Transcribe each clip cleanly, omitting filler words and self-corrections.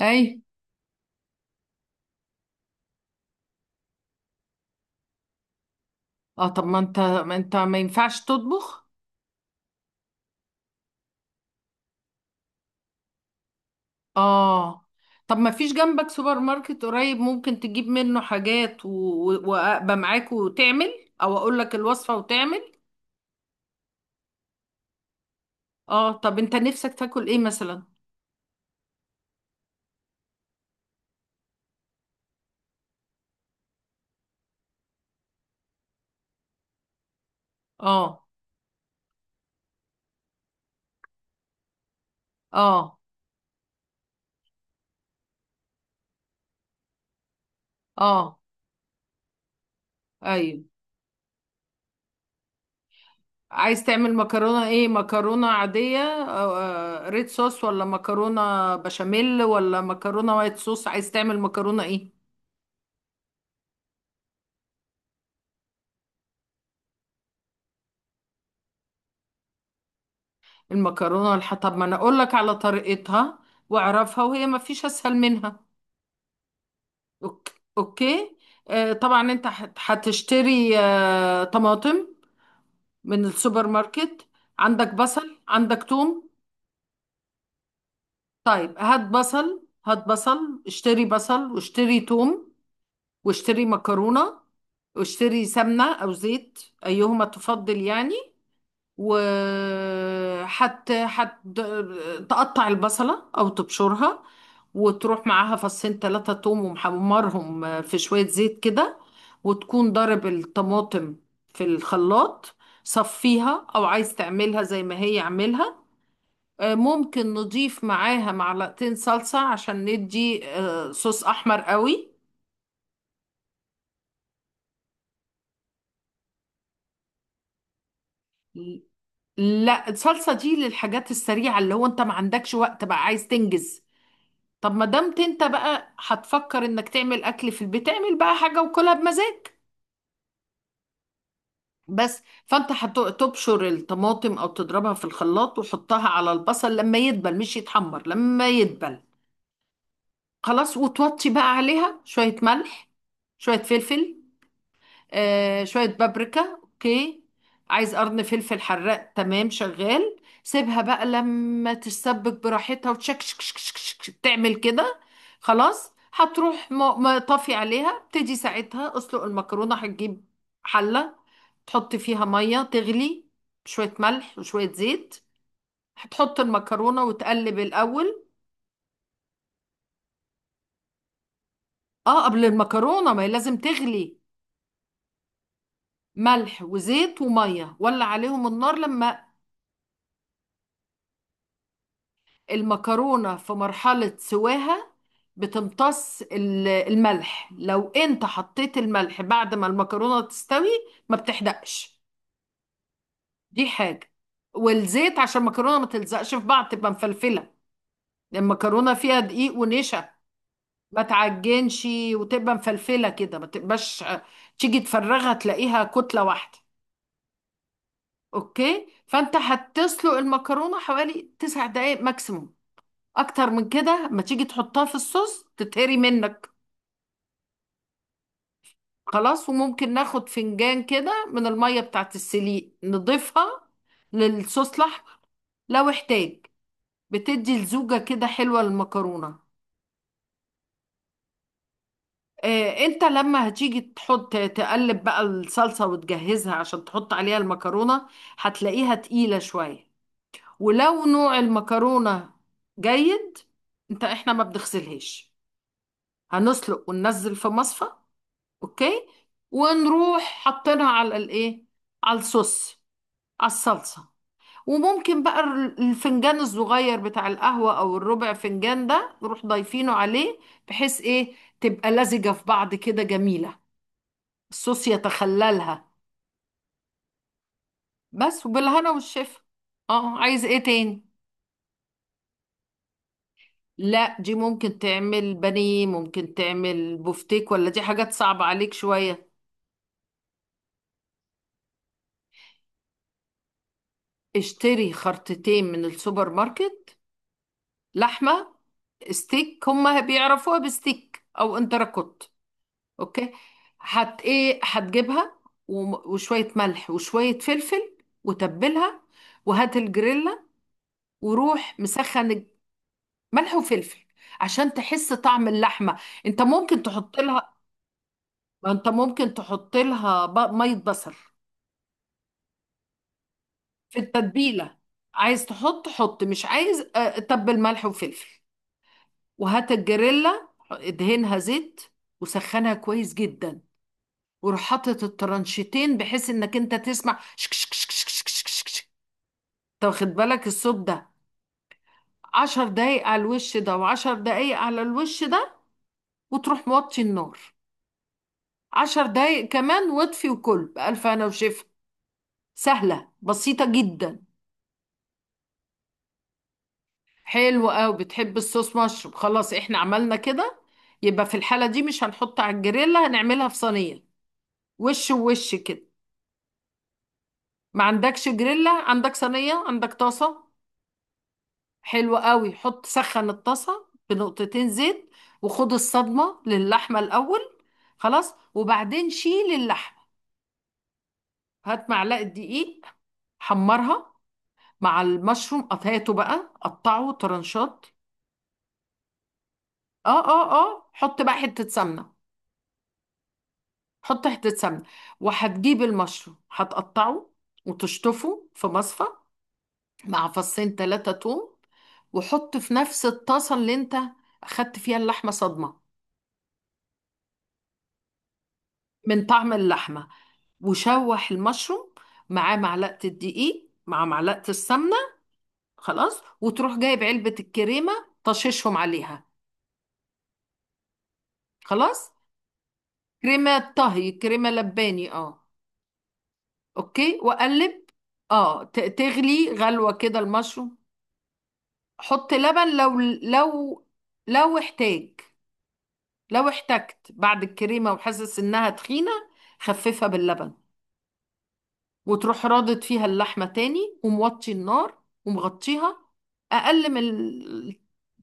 اي. اه، طب ما انت ما ينفعش تطبخ. اه، طب ما فيش جنبك سوبر ماركت قريب؟ ممكن تجيب منه حاجات وابقى معاك وتعمل، او اقول لك الوصفة وتعمل. اه، طب انت نفسك تاكل ايه مثلا؟ اه اه اه، ايوه. عايز تعمل مكرونة ايه؟ مكرونة عادية أو ريد صوص، ولا مكرونة بشاميل، ولا مكرونة وايت صوص؟ عايز تعمل مكرونة ايه؟ المكرونة والح، طب ما انا اقول لك على طريقتها واعرفها، وهي ما فيش اسهل منها. اوكي، اوكي. طبعا انت هتشتري طماطم من السوبر ماركت، عندك بصل، عندك توم. طيب، هات بصل، هات بصل، اشتري بصل، واشتري توم، واشتري مكرونة، واشتري سمنة او زيت، ايهما تفضل يعني. وحت حت تقطع البصلة أو تبشرها، وتروح معاها فصين تلاتة توم ومحمرهم في شوية زيت كده، وتكون ضارب الطماطم في الخلاط. صفيها أو عايز تعملها زي ما هي اعملها. ممكن نضيف معاها معلقتين صلصة عشان ندي صوص أحمر قوي. لا، الصلصة دي للحاجات السريعة، اللي هو انت ما عندكش وقت، بقى عايز تنجز. طب ما دمت انت بقى هتفكر انك تعمل اكل في البيت، اعمل بقى حاجه وكلها بمزاج. بس، فانت هتبشر الطماطم او تضربها في الخلاط، وحطها على البصل لما يدبل، مش يتحمر، لما يدبل. خلاص، وتوطي بقى عليها شويه ملح، شويه فلفل، آه شوية بابريكا. اوكي. عايز قرن فلفل حراق؟ تمام، شغال. سيبها بقى لما تتسبك براحتها، وتشك شك شك شك شك، تعمل كده. خلاص، هتروح طافي عليها. ابتدي ساعتها اسلق المكرونة. هتجيب حلة، تحط فيها مية تغلي، شوية ملح وشوية زيت، هتحط المكرونة وتقلب الأول. اه، قبل المكرونة، ما هي لازم تغلي. ملح وزيت ومية، ولع عليهم النار. لما المكرونة في مرحلة سواها، بتمتص الملح. لو انت حطيت الملح بعد ما المكرونة تستوي ما بتحدقش، دي حاجة. والزيت عشان المكرونة ما تلزقش في بعض، تبقى مفلفلة، لأن المكرونة فيها دقيق ونشا. ما تعجنش، وتبقى مفلفلة كده، ما تبقاش تيجي تفرغها تلاقيها كتلة واحدة. اوكي، فانت هتسلق المكرونة حوالي 9 دقايق ماكسيموم. اكتر من كده، ما تيجي تحطها في الصوص تتهري منك. خلاص، وممكن ناخد فنجان كده من المية بتاعت السليق نضيفها للصوص الأحمر لو احتاج، بتدي لزوجة كده حلوة للمكرونة. اه، انت لما هتيجي تحط تقلب بقى الصلصة وتجهزها عشان تحط عليها المكرونة، هتلاقيها تقيلة شوية، ولو نوع المكرونة جيد. انت، احنا ما بنغسلهاش. هنسلق وننزل في مصفى. اوكي. ونروح حاطينها على الايه، على الصوص، على الصلصة. وممكن بقى الفنجان الصغير بتاع القهوة أو الربع فنجان ده نروح ضايفينه عليه، بحيث إيه، تبقى لزجة في بعض كده، جميلة، الصوص يتخللها. بس، وبالهنا والشفا. اه، عايز ايه تاني؟ لا، دي ممكن تعمل بانيه، ممكن تعمل بفتيك، ولا دي حاجات صعبة عليك شوية؟ اشتري خرطتين من السوبر ماركت لحمة ستيك، هما بيعرفوها بستيك أو انتركوت. اوكي. هت ايه هتجيبها، وشوية ملح وشوية فلفل، وتبلها، وهات الجريلا، وروح مسخن الج-. ملح وفلفل، عشان تحس طعم اللحمة. انت ممكن تحط لها. ما انت ممكن تحط لها مية بصل في التتبيلة. عايز تحط حط، مش عايز تبل ملح وفلفل. وهات الجريلا، ادهنها زيت، وسخنها كويس جدا، وروح حاطط الترانشيتين، بحيث انك انت تسمع شك شك شك شك شك شك شك شك. طب خد بالك الصوت ده. عشر دقايق على الوش ده، وعشر دقايق على الوش ده، وتروح موطي النار، 10 دقايق كمان، واطفي، وكل بألف هنا وشفا. سهلة، بسيطة جدا. حلو قوي، بتحب الصوص مشروب؟ خلاص، احنا عملنا كده، يبقى في الحالة دي مش هنحط على الجريلا، هنعملها في صينية، وش ووش كده. ما عندكش جريلا؟ عندك صينية، عندك طاسة. حلو قوي، حط سخن الطاسة بنقطتين زيت، وخد الصدمة للحمة الأول. خلاص، وبعدين شيل اللحمة. هات معلقة دقيق، حمرها مع المشروم، قطعته بقى قطعه طرنشات. اه حط بقى حتة سمنة. حط حتة سمنة، وهتجيب المشروم هتقطعه، وتشطفه في مصفى، مع فصين تلاتة توم، وحط في نفس الطاسة اللي انت أخدت فيها اللحمة صدمة، من طعم اللحمة. وشوح المشروم معاه معلقة الدقيق مع معلقة السمنة. خلاص، وتروح جايب علبة الكريمة، طششهم عليها. خلاص. كريمة طهي، كريمة لباني، اه. اوكي، وقلب. اه، تغلي غلوة كده المشروم. حط لبن، لو احتاج، لو احتجت بعد الكريمة وحاسس انها تخينة، خففها باللبن. وتروح رادد فيها اللحمة تاني، وموطي النار، ومغطيها. أقل من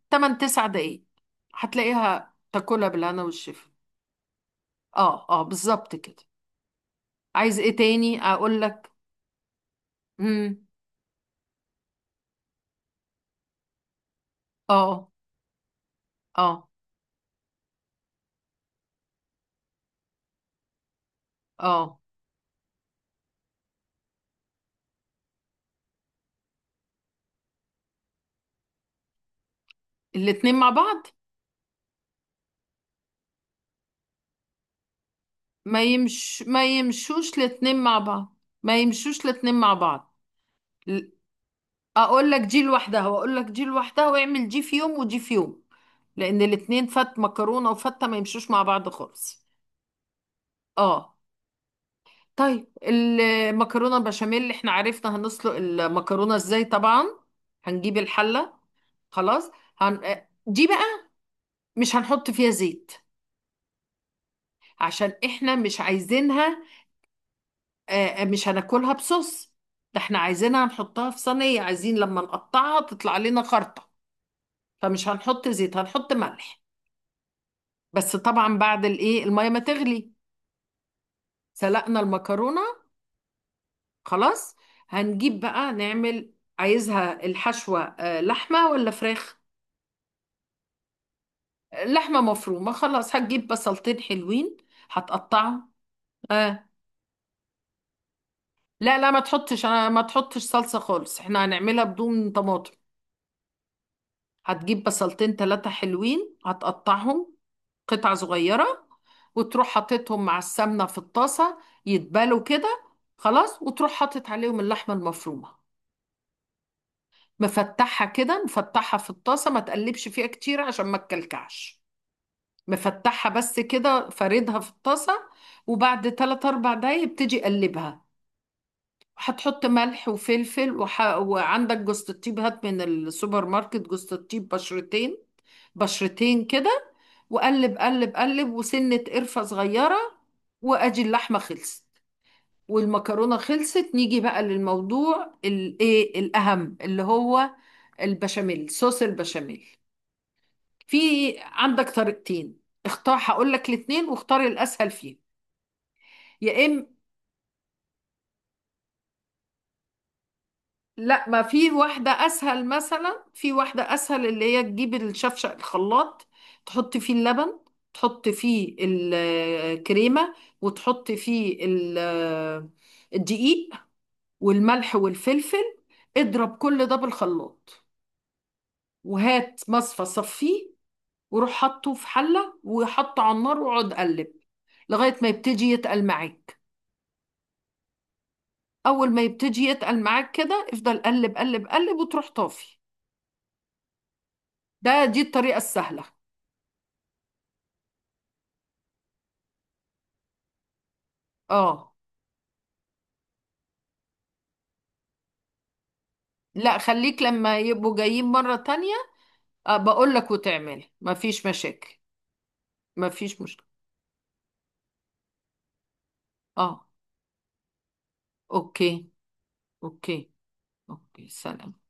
8 9 دقايق، هتلاقيها تاكلها بالهنا والشفا. اه اه، بالظبط كده. عايز ايه تاني اقول لك؟ امم. اه اه اه، الاتنين مع بعض؟ ما يمشوش الاتنين مع بعض. ما يمشوش الاتنين مع بعض. ل-، اقول لك دي لوحدها واقول لك دي لوحدها، واعمل دي في يوم ودي في يوم، لان الاتنين، فت، مكرونة وفتة، ما يمشوش مع بعض خالص. اه. طيب، المكرونه بشاميل، اللي احنا عرفنا هنسلق المكرونه ازاي طبعا، هنجيب الحله. خلاص. هن... آه، دي بقى مش هنحط فيها زيت، عشان احنا مش عايزينها، آه، مش هناكلها بصوص. ده احنا عايزينها نحطها في صينيه، عايزين لما نقطعها تطلع لنا خرطه. فمش هنحط زيت، هنحط ملح. بس طبعا بعد الايه، الميه ما تغلي، سلقنا المكرونه، خلاص. هنجيب بقى نعمل. عايزها الحشوة لحمة ولا فراخ؟ لحمة مفرومة. خلاص، هتجيب بصلتين حلوين، هتقطعهم. آه. لا لا، ما تحطش، انا ما تحطش صلصة خالص، احنا هنعملها بدون طماطم. هتجيب بصلتين ثلاثة حلوين، هتقطعهم قطع صغيرة، وتروح حاططهم مع السمنة في الطاسة، يتبالوا كده. خلاص، وتروح حاطط عليهم اللحمة المفرومة، مفتحها كده، مفتحها في الطاسة، ما تقلبش فيها كتير عشان ما تكلكعش، مفتحها بس كده، فاردها في الطاسة. وبعد 3 4 دقايق ابتدي قلبها. هتحط ملح وفلفل وح..., وعندك جوزة الطيب، هات من السوبر ماركت جوزة الطيب بشرتين، بشرتين كده. وقلب قلب قلب، وسنة قرفة صغيرة. وادي اللحمة خلصت والمكرونة خلصت. نيجي بقى للموضوع الايه، الأهم، اللي هو البشاميل، صوص البشاميل. في عندك طريقتين، اختار. هقول لك الاتنين واختار الأسهل فيهم. يا إما لا، ما في، واحدة أسهل مثلا، في واحدة أسهل، اللي هي تجيب الشفشق الخلاط، تحط فيه اللبن، تحط فيه الكريمة، وتحط فيه الدقيق والملح والفلفل، اضرب كل ده بالخلاط، وهات مصفى صفيه، وروح حطه في حلة، وحطه على النار، واقعد قلب لغاية ما يبتدي يتقل معاك. أول ما يبتدي يتقل معاك كده، افضل قلب قلب قلب، وتروح طافي. ده دي الطريقة السهلة. اه. لا، خليك لما يبقوا جايين مرة تانية، بقول لك وتعمل، مفيش مشاكل. مفيش مشكلة. اه. اوكي، اوكي، اوكي. سلام.